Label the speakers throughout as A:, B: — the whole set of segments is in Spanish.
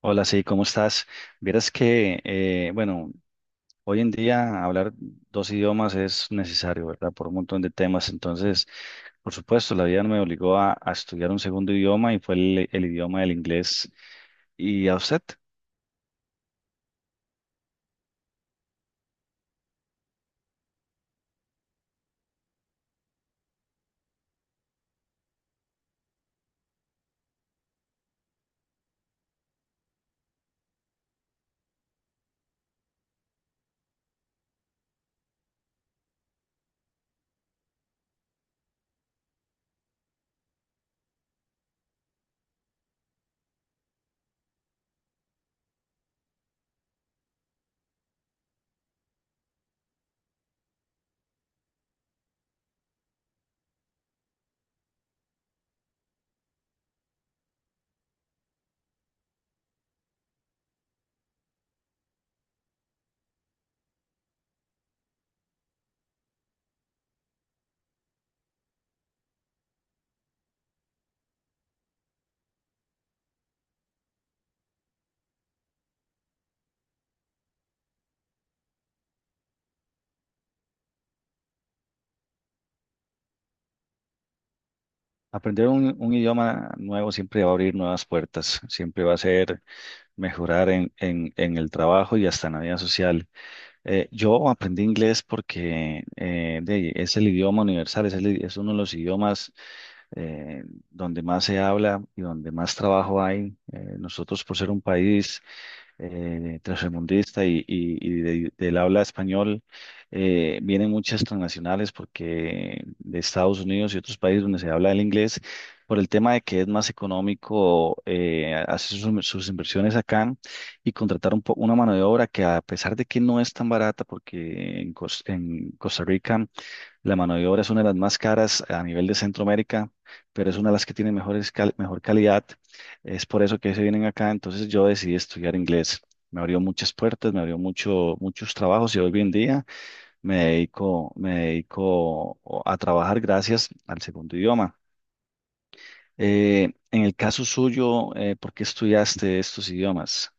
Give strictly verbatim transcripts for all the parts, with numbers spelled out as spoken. A: Hola, sí, ¿cómo estás? Vieras que, eh, bueno, hoy en día hablar dos idiomas es necesario, ¿verdad? Por un montón de temas. Entonces, por supuesto, la vida me obligó a, a estudiar un segundo idioma y fue el, el idioma del inglés. ¿Y a usted? Aprender un, un idioma nuevo siempre va a abrir nuevas puertas, siempre va a ser mejorar en, en, en el trabajo y hasta en la vida social. Eh, yo aprendí inglés porque eh, de- es el idioma universal, es, el- es uno de los idiomas eh, donde más se habla y donde más trabajo hay. Eh, nosotros, por ser un país eh, tercermundista y, y- y de- del habla español, eh, vienen muchas transnacionales porque de Estados Unidos y otros países donde se habla el inglés, por el tema de que es más económico, eh, hacer sus, sus inversiones acá y contratar un po- una mano de obra que, a pesar de que no es tan barata, porque en Cos- en Costa Rica la mano de obra es una de las más caras a nivel de Centroamérica, pero es una de las que tiene mejores cal- mejor calidad. Es por eso que se vienen acá. Entonces yo decidí estudiar inglés. Me abrió muchas puertas, me abrió mucho, muchos trabajos y hoy en día me dedico, me dedico a trabajar gracias al segundo idioma. Eh, en el caso suyo, eh, ¿por qué estudiaste estos idiomas?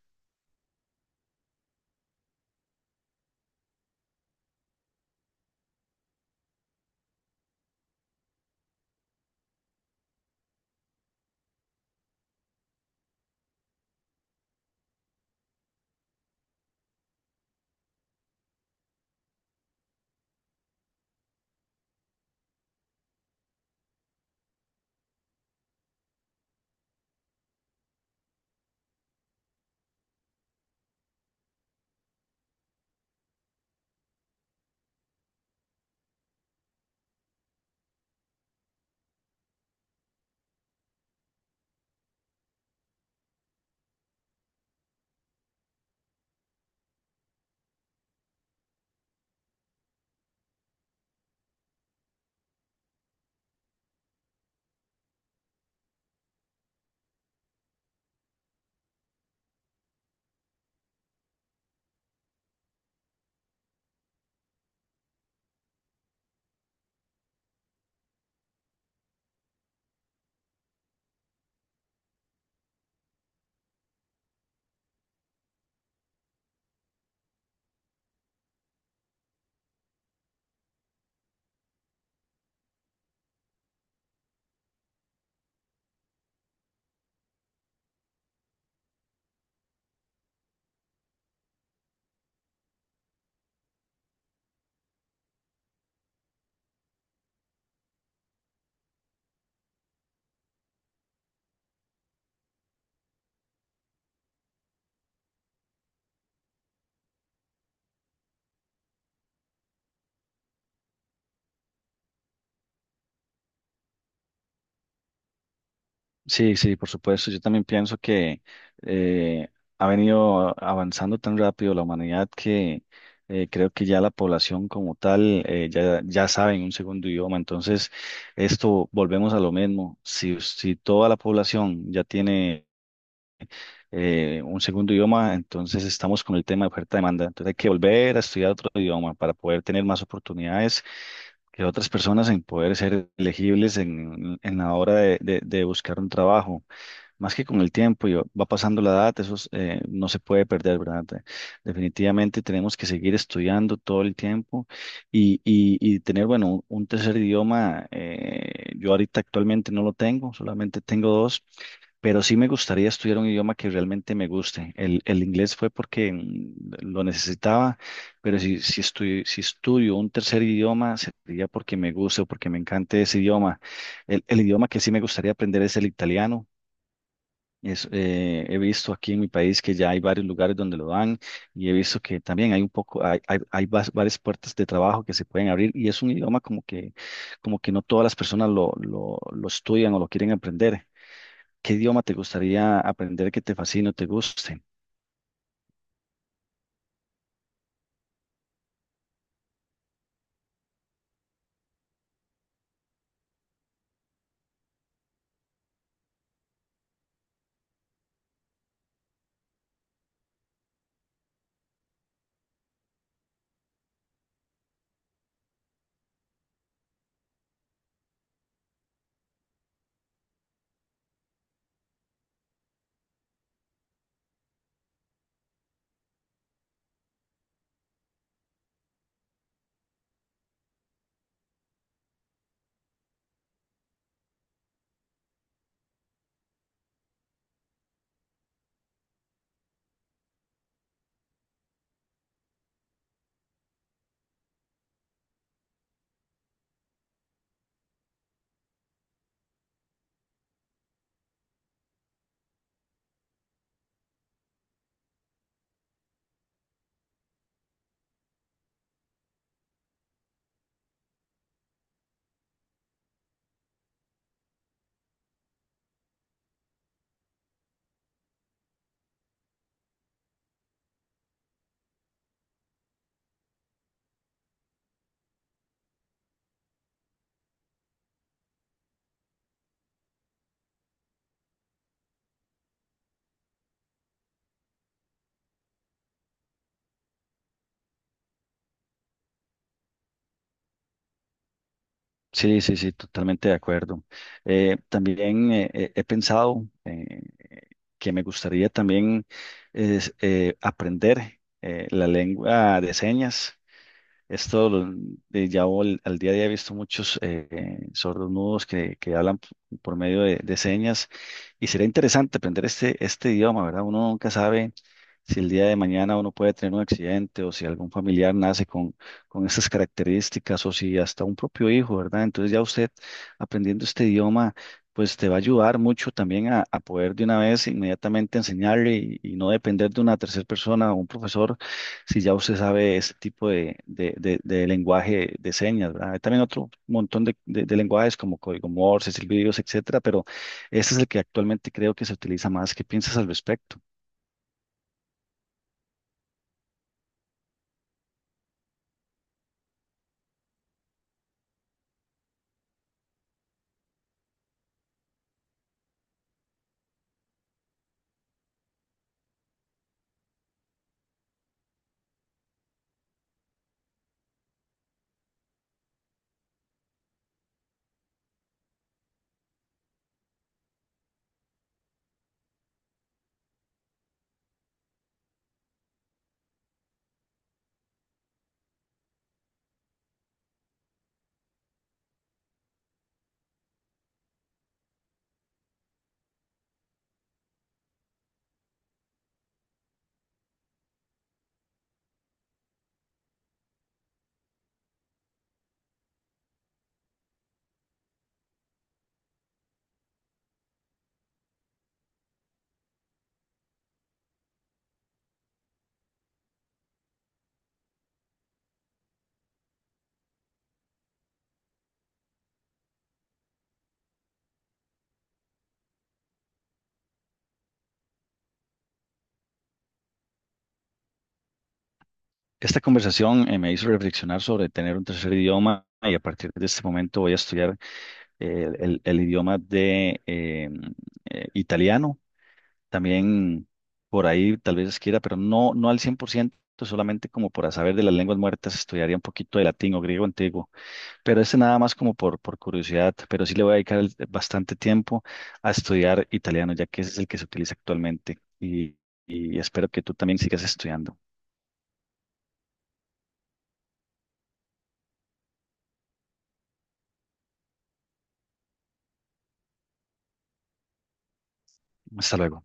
A: Sí, sí, por supuesto. Yo también pienso que eh, ha venido avanzando tan rápido la humanidad que eh, creo que ya la población como tal, eh, ya, ya sabe en un segundo idioma. Entonces, esto volvemos a lo mismo. Si, si toda la población ya tiene eh, un segundo idioma, entonces estamos con el tema de oferta-demanda. Entonces hay que volver a estudiar otro idioma para poder tener más oportunidades que otras personas en poder ser elegibles en, en la hora de de- de buscar un trabajo, más que con el tiempo y va pasando la edad, eso es, eh, no se puede perder, ¿verdad? De- Definitivamente tenemos que seguir estudiando todo el tiempo y, y- y tener, bueno, un, un tercer idioma. Eh, yo ahorita actualmente no lo tengo, solamente tengo dos. Pero sí me gustaría estudiar un idioma que realmente me guste. El, el inglés fue porque mm, lo necesitaba, pero si, si estudio, si estudio un tercer idioma sería porque me guste o porque me encante ese idioma. El, el idioma que sí me gustaría aprender es el italiano. Es, eh, he visto aquí en mi país que ya hay varios lugares donde lo dan, y he visto que también hay un poco, hay, hay, hay vas- varias puertas de trabajo que se pueden abrir, y es un idioma como que, como que no todas las personas lo, lo, lo estudian o lo quieren aprender. ¿Qué idioma te gustaría aprender que te fascine o te guste? Sí, sí, sí, totalmente de acuerdo. Eh, también eh, eh, He pensado eh, que me gustaría también es, eh, aprender eh, la lengua de señas. Esto lo- de ya vol- Al día a día he visto muchos, eh, sordos mudos que, que hablan, p- por medio de, de señas, y sería interesante aprender este, este idioma, ¿verdad? Uno nunca sabe si el día de mañana uno puede tener un accidente o si algún familiar nace con, con estas características, o si hasta un propio hijo, ¿verdad? Entonces ya usted, aprendiendo este idioma, pues te va a ayudar mucho también a, a poder de una vez inmediatamente enseñarle y, y no depender de una tercera persona o un profesor si ya usted sabe ese tipo de, de- de- de lenguaje de señas, ¿verdad? Hay también otro montón de, de- de lenguajes como código Morse, silbidos, etcétera, pero este es el que actualmente creo que se utiliza más. ¿Qué piensas al respecto? Esta conversación, eh, me hizo reflexionar sobre tener un tercer idioma, y a partir de este momento voy a estudiar eh, el, el idioma de eh, eh, italiano. También por ahí tal vez quiera, pero no, no al cien por ciento, solamente como para saber de las lenguas muertas, estudiaría un poquito de latín o griego antiguo. Pero este nada más como por, por curiosidad, pero sí le voy a dedicar el- bastante tiempo a estudiar italiano, ya que ese es el que se utiliza actualmente. Y, y espero que tú también sigas estudiando. Hasta luego.